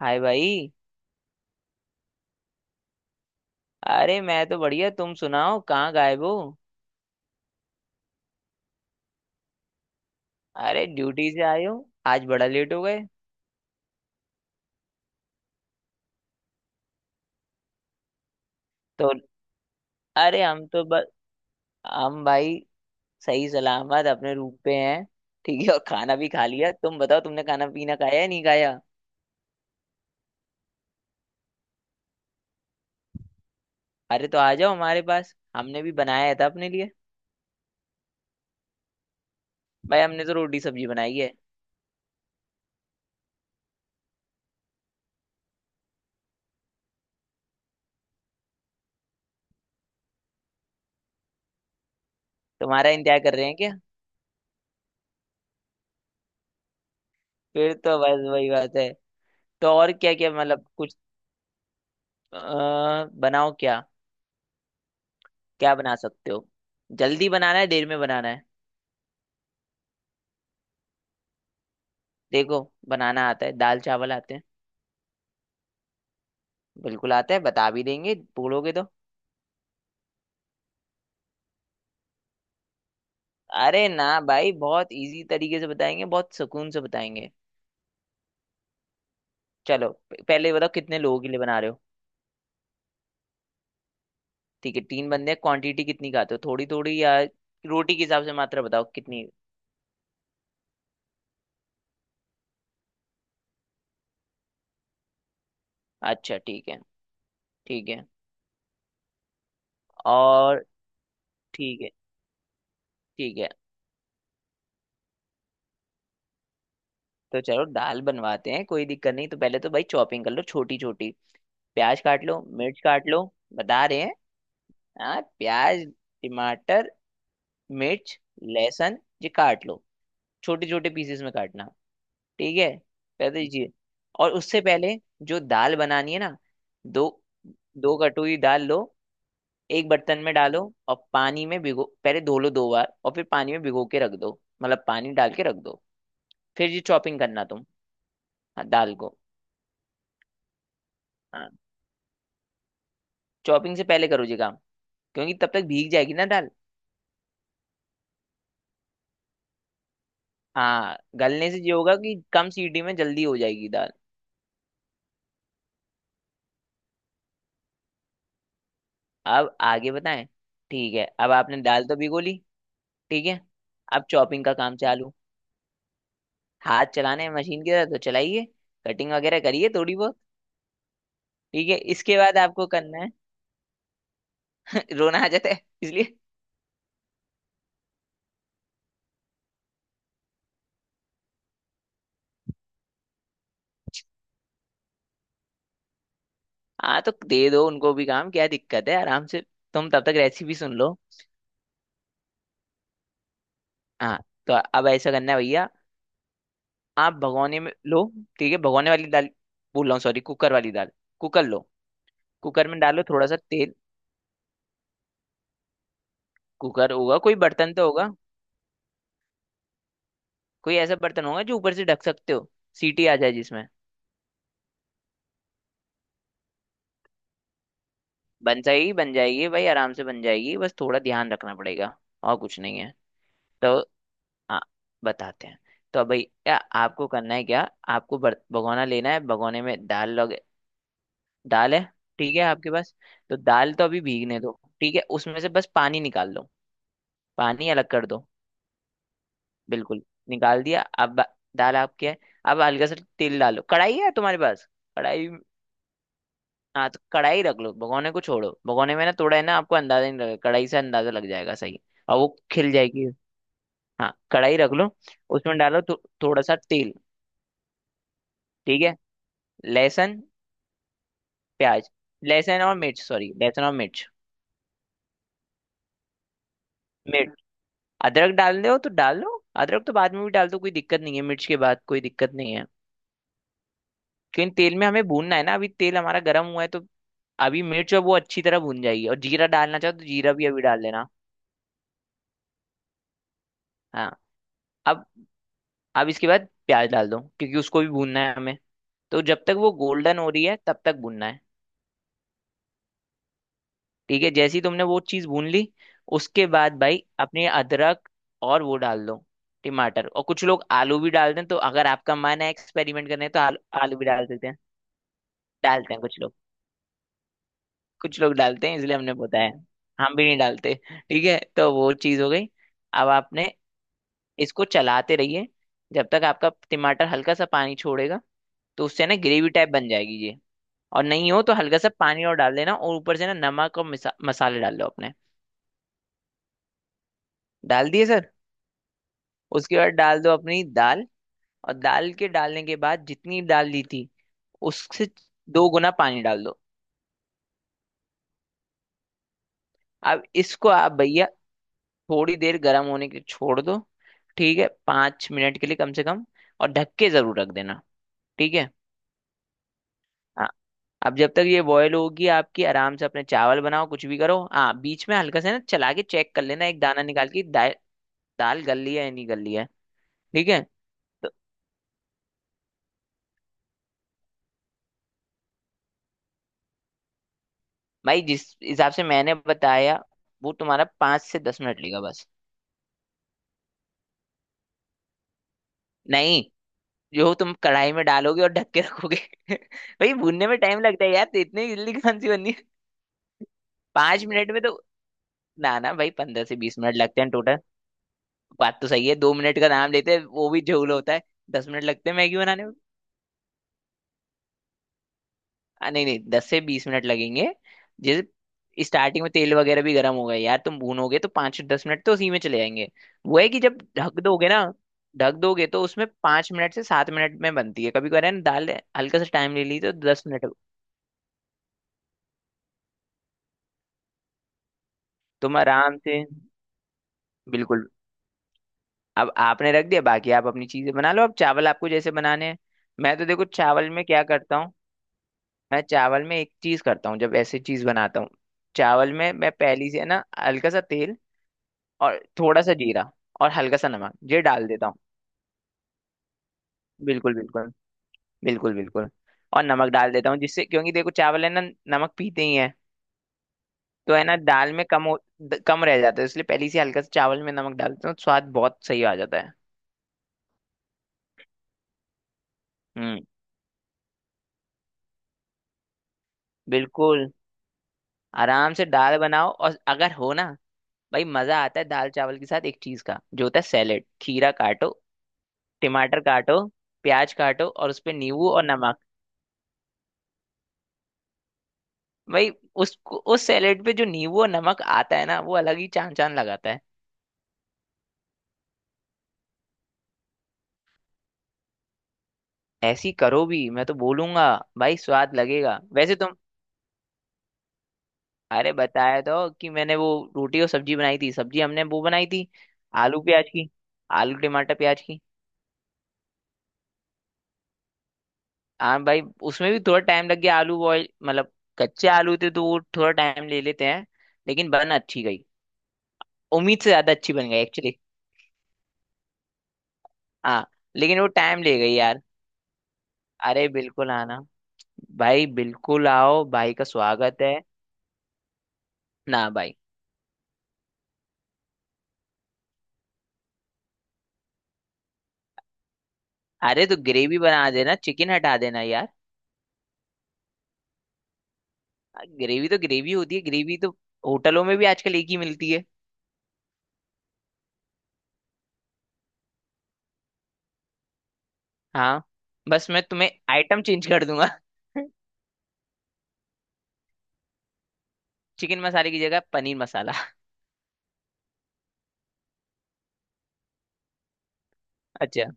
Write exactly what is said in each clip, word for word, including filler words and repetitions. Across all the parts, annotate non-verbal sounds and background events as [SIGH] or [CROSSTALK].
हाय भाई। अरे मैं तो बढ़िया, तुम सुनाओ कहाँ गायब हो। अरे ड्यूटी से आए हो, आज बड़ा लेट हो गए। तो अरे हम तो बस, हम भाई सही सलामत अपने रूम पे हैं। ठीक है, और खाना भी खा लिया? तुम बताओ, तुमने खाना पीना खाया या नहीं खाया। अरे तो आ जाओ हमारे पास, हमने भी बनाया था अपने लिए। भाई, हमने तो रोटी सब्जी बनाई है। तुम्हारा इंतजार कर रहे हैं क्या? फिर तो बस वही बात है। तो और क्या क्या, मतलब कुछ। अ, बनाओ क्या? क्या बना सकते हो? जल्दी बनाना है, देर में बनाना है? देखो, बनाना आता है, दाल चावल आते हैं। बिल्कुल आता है, बता भी देंगे बोलोगे तो। अरे ना भाई, बहुत इजी तरीके से बताएंगे, बहुत सुकून से बताएंगे। चलो, प- पहले ये बताओ कितने लोगों के लिए बना रहे हो। ठीक है, तीन बंदे क्वांटिटी कितनी खाते हो, थोड़ी थोड़ी या? रोटी के हिसाब से मात्रा बताओ कितनी। अच्छा ठीक है। ठीक है। और ठीक है। ठीक है। तो चलो दाल बनवाते हैं, कोई दिक्कत नहीं। तो पहले तो भाई चॉपिंग कर लो छोटी छोटी। प्याज काट लो, मिर्च काट लो। बता रहे हैं। हाँ, प्याज, टमाटर, मिर्च, लहसुन ये काट लो। छोटे छोटे पीसेस में काटना। ठीक है। पहले ये। और उससे पहले जो दाल बनानी है ना, दो दो कटोरी दाल लो। एक बर्तन में डालो। और पानी में भिगो, पहले धो लो दो बार, और फिर पानी में भिगो के रख दो, मतलब पानी डाल के रख दो। फिर ये चॉपिंग करना तुम। हाँ, दाल को। हाँ, चॉपिंग से पहले करो ये काम, क्योंकि तब तक भीग जाएगी ना दाल। हाँ, गलने से ये होगा कि कम सीटी में जल्दी हो जाएगी दाल। अब आगे बताएं। ठीक है, अब आपने दाल तो भिगो ली। ठीक है, अब चॉपिंग का काम चालू। हाथ चलाने हैं मशीन के, तो चलाइए, कटिंग वगैरह करिए थोड़ी बहुत। ठीक है, इसके बाद आपको करना है। [LAUGHS] रोना आ जाता है इसलिए। हाँ, तो दे दो उनको भी काम, क्या दिक्कत है, आराम से। तुम तब तक रेसिपी सुन लो। हाँ, तो अब ऐसा करना है भैया। आप भगोने में लो, ठीक है भगोने वाली दाल बोल रहा हूँ, सॉरी कुकर वाली दाल। कुकर लो। कुकर में डालो थोड़ा सा तेल। कुकर होगा, कोई बर्तन तो होगा। कोई ऐसा बर्तन होगा जो ऊपर से ढक सकते हो, सीटी आ जाए जिसमें। बन जाएगी, बन जाएगी भाई, आराम से बन जाएगी, बस थोड़ा ध्यान रखना पड़ेगा। और कुछ नहीं है। तो आ, बताते हैं। तो अब भाई क्या आपको करना है क्या? आपको बर- भगोना लेना है, भगोने में दाल लग दाल है, ठीक है आपके पास। तो दाल तो अभी भीगने दो, ठीक है उसमें से बस पानी निकाल दो, पानी अलग कर दो, बिल्कुल निकाल दिया। अब बा- दाल आपकी है। अब हल्का सा तेल डालो, कढ़ाई है तुम्हारे पास? कढ़ाई। हाँ, तो कढ़ाई रख लो, भगोने को छोड़ो, भगोने में ना थोड़ा है ना, आपको अंदाजा नहीं लगेगा, कढ़ाई से अंदाजा लग जाएगा सही, और वो खिल जाएगी। हाँ, कढ़ाई रख लो। उसमें डालो थो, थोड़ा सा तेल। ठीक है, लहसुन, प्याज, लहसुन और मिर्च, सॉरी लहसुन और मिर्च। मिर्च। अदरक डाल दो तो डाल लो, अदरक तो बाद में भी डाल दो, कोई दिक्कत नहीं है, मिर्च के बाद कोई दिक्कत नहीं है। क्योंकि तेल में हमें भूनना है ना, अभी तेल हमारा गर्म हुआ है तो अभी मिर्च और वो अच्छी तरह भून जाएगी, और जीरा डालना चाहो तो जीरा भी अभी डाल देना। हाँ। अब, अब इसके बाद प्याज डाल दो, क्योंकि उसको भी भूनना है हमें, तो जब तक वो गोल्डन हो रही है तब तक भूनना है। ठीक है, जैसे ही तुमने वो चीज़ भून ली, उसके बाद भाई अपने अदरक और वो डाल दो, टमाटर। और कुछ लोग आलू भी डाल दें, तो अगर आपका मन है एक्सपेरिमेंट करने, तो आलू आलू भी डाल सकते हैं। डालते हैं कुछ लोग, कुछ लोग डालते हैं इसलिए हमने बताया। हम भी नहीं डालते। ठीक है, तो वो चीज़ हो गई। अब आपने इसको चलाते रहिए, जब तक आपका टमाटर हल्का सा पानी छोड़ेगा, तो उससे ना ग्रेवी टाइप बन जाएगी ये। और नहीं हो तो हल्का सा पानी और डाल देना, और ऊपर से ना नमक और मिसा- मसाले डाल दो अपने। डाल दिए सर। उसके बाद डाल दो अपनी दाल, और दाल के डालने के बाद जितनी डाल दी थी, उससे दो गुना पानी डाल दो। अब इसको आप भैया थोड़ी देर गर्म होने के छोड़ दो, ठीक है पाँच मिनट के लिए कम से कम, और ढक के जरूर रख देना। ठीक है। हाँ, अब जब तक ये बॉयल होगी आपकी, आराम से अपने चावल बनाओ, कुछ भी करो। हाँ, बीच में हल्का सा ना चला के चेक कर लेना, एक दाना निकाल के दा, दाल गल रही है या नहीं गल रही है। ठीक है भाई, जिस हिसाब से मैंने बताया, वो तुम्हारा पांच से दस मिनट लेगा बस। नहीं, जो तुम कढ़ाई में डालोगे और ढक के रखोगे। [LAUGHS] भाई, भूनने में टाइम लगता है यार, तो इतनी जल्दी कौन सी बननी है पांच मिनट में तो। ना ना भाई, पंद्रह से बीस मिनट लगते हैं टोटल। बात तो सही है, दो मिनट का नाम लेते हैं वो भी झोल होता है। दस मिनट लगते हैं मैगी बनाने। आ, नहीं नहीं, दस से बीस मिनट लगेंगे। जैसे स्टार्टिंग में तेल वगैरह भी गर्म होगा यार, तुम भूनोगे तो पाँच दस मिनट तो उसी में चले जाएंगे। वो है कि जब ढक दोगे ना, ढक दोगे तो उसमें पाँच मिनट से सात मिनट में बनती है, कभी कभी ना दाल। हल्का सा टाइम ले ली तो दस मिनट। तुम आराम से, बिल्कुल। अब आपने रख दिया, बाकी आप अपनी चीजें बना लो, अब चावल आपको जैसे बनाने हैं। मैं तो देखो चावल में क्या करता हूँ, मैं चावल में एक चीज करता हूँ जब ऐसी चीज बनाता हूँ। चावल में मैं पहली से ना हल्का सा तेल और थोड़ा सा जीरा और हल्का सा नमक ये डाल देता हूँ। बिल्कुल बिल्कुल। बिल्कुल बिल्कुल। और नमक डाल देता हूँ जिससे, क्योंकि देखो चावल है ना, नमक पीते ही हैं, तो है ना दाल में कम हो द- कम रह जाता है, इसलिए पहले ही से हल्का सा चावल में नमक डालते हैं, स्वाद बहुत सही आ जाता है। हम्म। बिल्कुल, आराम से दाल बनाओ, और अगर हो ना, भाई मजा आता है दाल चावल के साथ एक चीज का जो होता है, सैलेड। खीरा काटो, टमाटर काटो, प्याज काटो और उस पे नींबू और नमक। भाई, उस उस सैलेड पे जो नींबू और नमक आता है ना, वो अलग ही चांद चांद लगाता है। ऐसी करो भी, मैं तो बोलूंगा, भाई स्वाद लगेगा वैसे तुम। अरे बताया तो, कि मैंने वो रोटी और सब्जी बनाई थी, सब्जी हमने वो बनाई थी, आलू प्याज की, आलू टमाटर प्याज की। हाँ भाई, उसमें भी थोड़ा टाइम लग गया, आलू बॉयल मतलब, कच्चे आलू थे तो वो थोड़ा टाइम ले लेते हैं, लेकिन बन अच्छी गई, उम्मीद से ज्यादा अच्छी बन गई एक्चुअली। हाँ, लेकिन वो टाइम ले गई यार। अरे बिल्कुल आना, भाई बिल्कुल आओ, भाई का स्वागत है। ना भाई। अरे तो ग्रेवी बना देना, चिकन हटा देना यार। ग्रेवी तो ग्रेवी होती है, ग्रेवी तो होटलों में भी आजकल एक ही मिलती है। हाँ, बस मैं तुम्हें आइटम चेंज कर दूंगा। [LAUGHS] चिकन मसाले की जगह पनीर मसाला। [LAUGHS] अच्छा,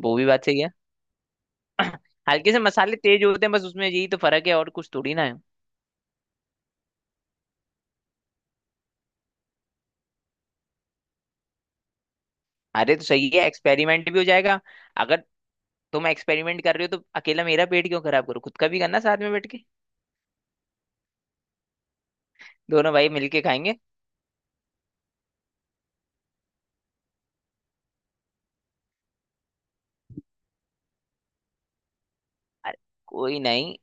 वो भी बात सही है। हल्के से मसाले तेज होते हैं बस उसमें, यही तो फर्क है, और कुछ थोड़ी ना है। अरे तो सही है, एक्सपेरिमेंट भी हो जाएगा। अगर तुम एक्सपेरिमेंट कर रहे हो, तो अकेला मेरा पेट क्यों खराब करो, खुद का भी करना साथ में बैठ के, दोनों भाई मिलके खाएंगे। अरे कोई नहीं,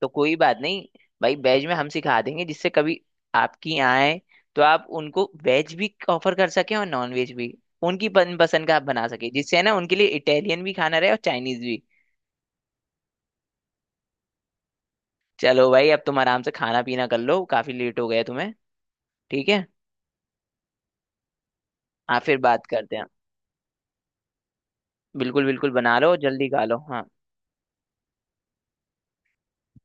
तो कोई बात नहीं। भाई, वेज में हम सिखा देंगे, जिससे कभी आपकी आए, तो आप उनको वेज भी ऑफर कर सके और नॉन वेज भी, उनकी पन- पसंद का आप बना सके, जिससे है ना, उनके लिए इटालियन भी खाना रहे और चाइनीज भी। चलो भाई, अब तुम आराम से खाना पीना कर लो, काफी लेट हो गया तुम्हें। ठीक है, आप फिर बात करते हैं। बिल्कुल बिल्कुल, बना लो और जल्दी खा लो, हाँ।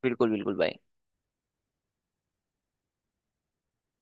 बिल्कुल बिल्कुल भाई।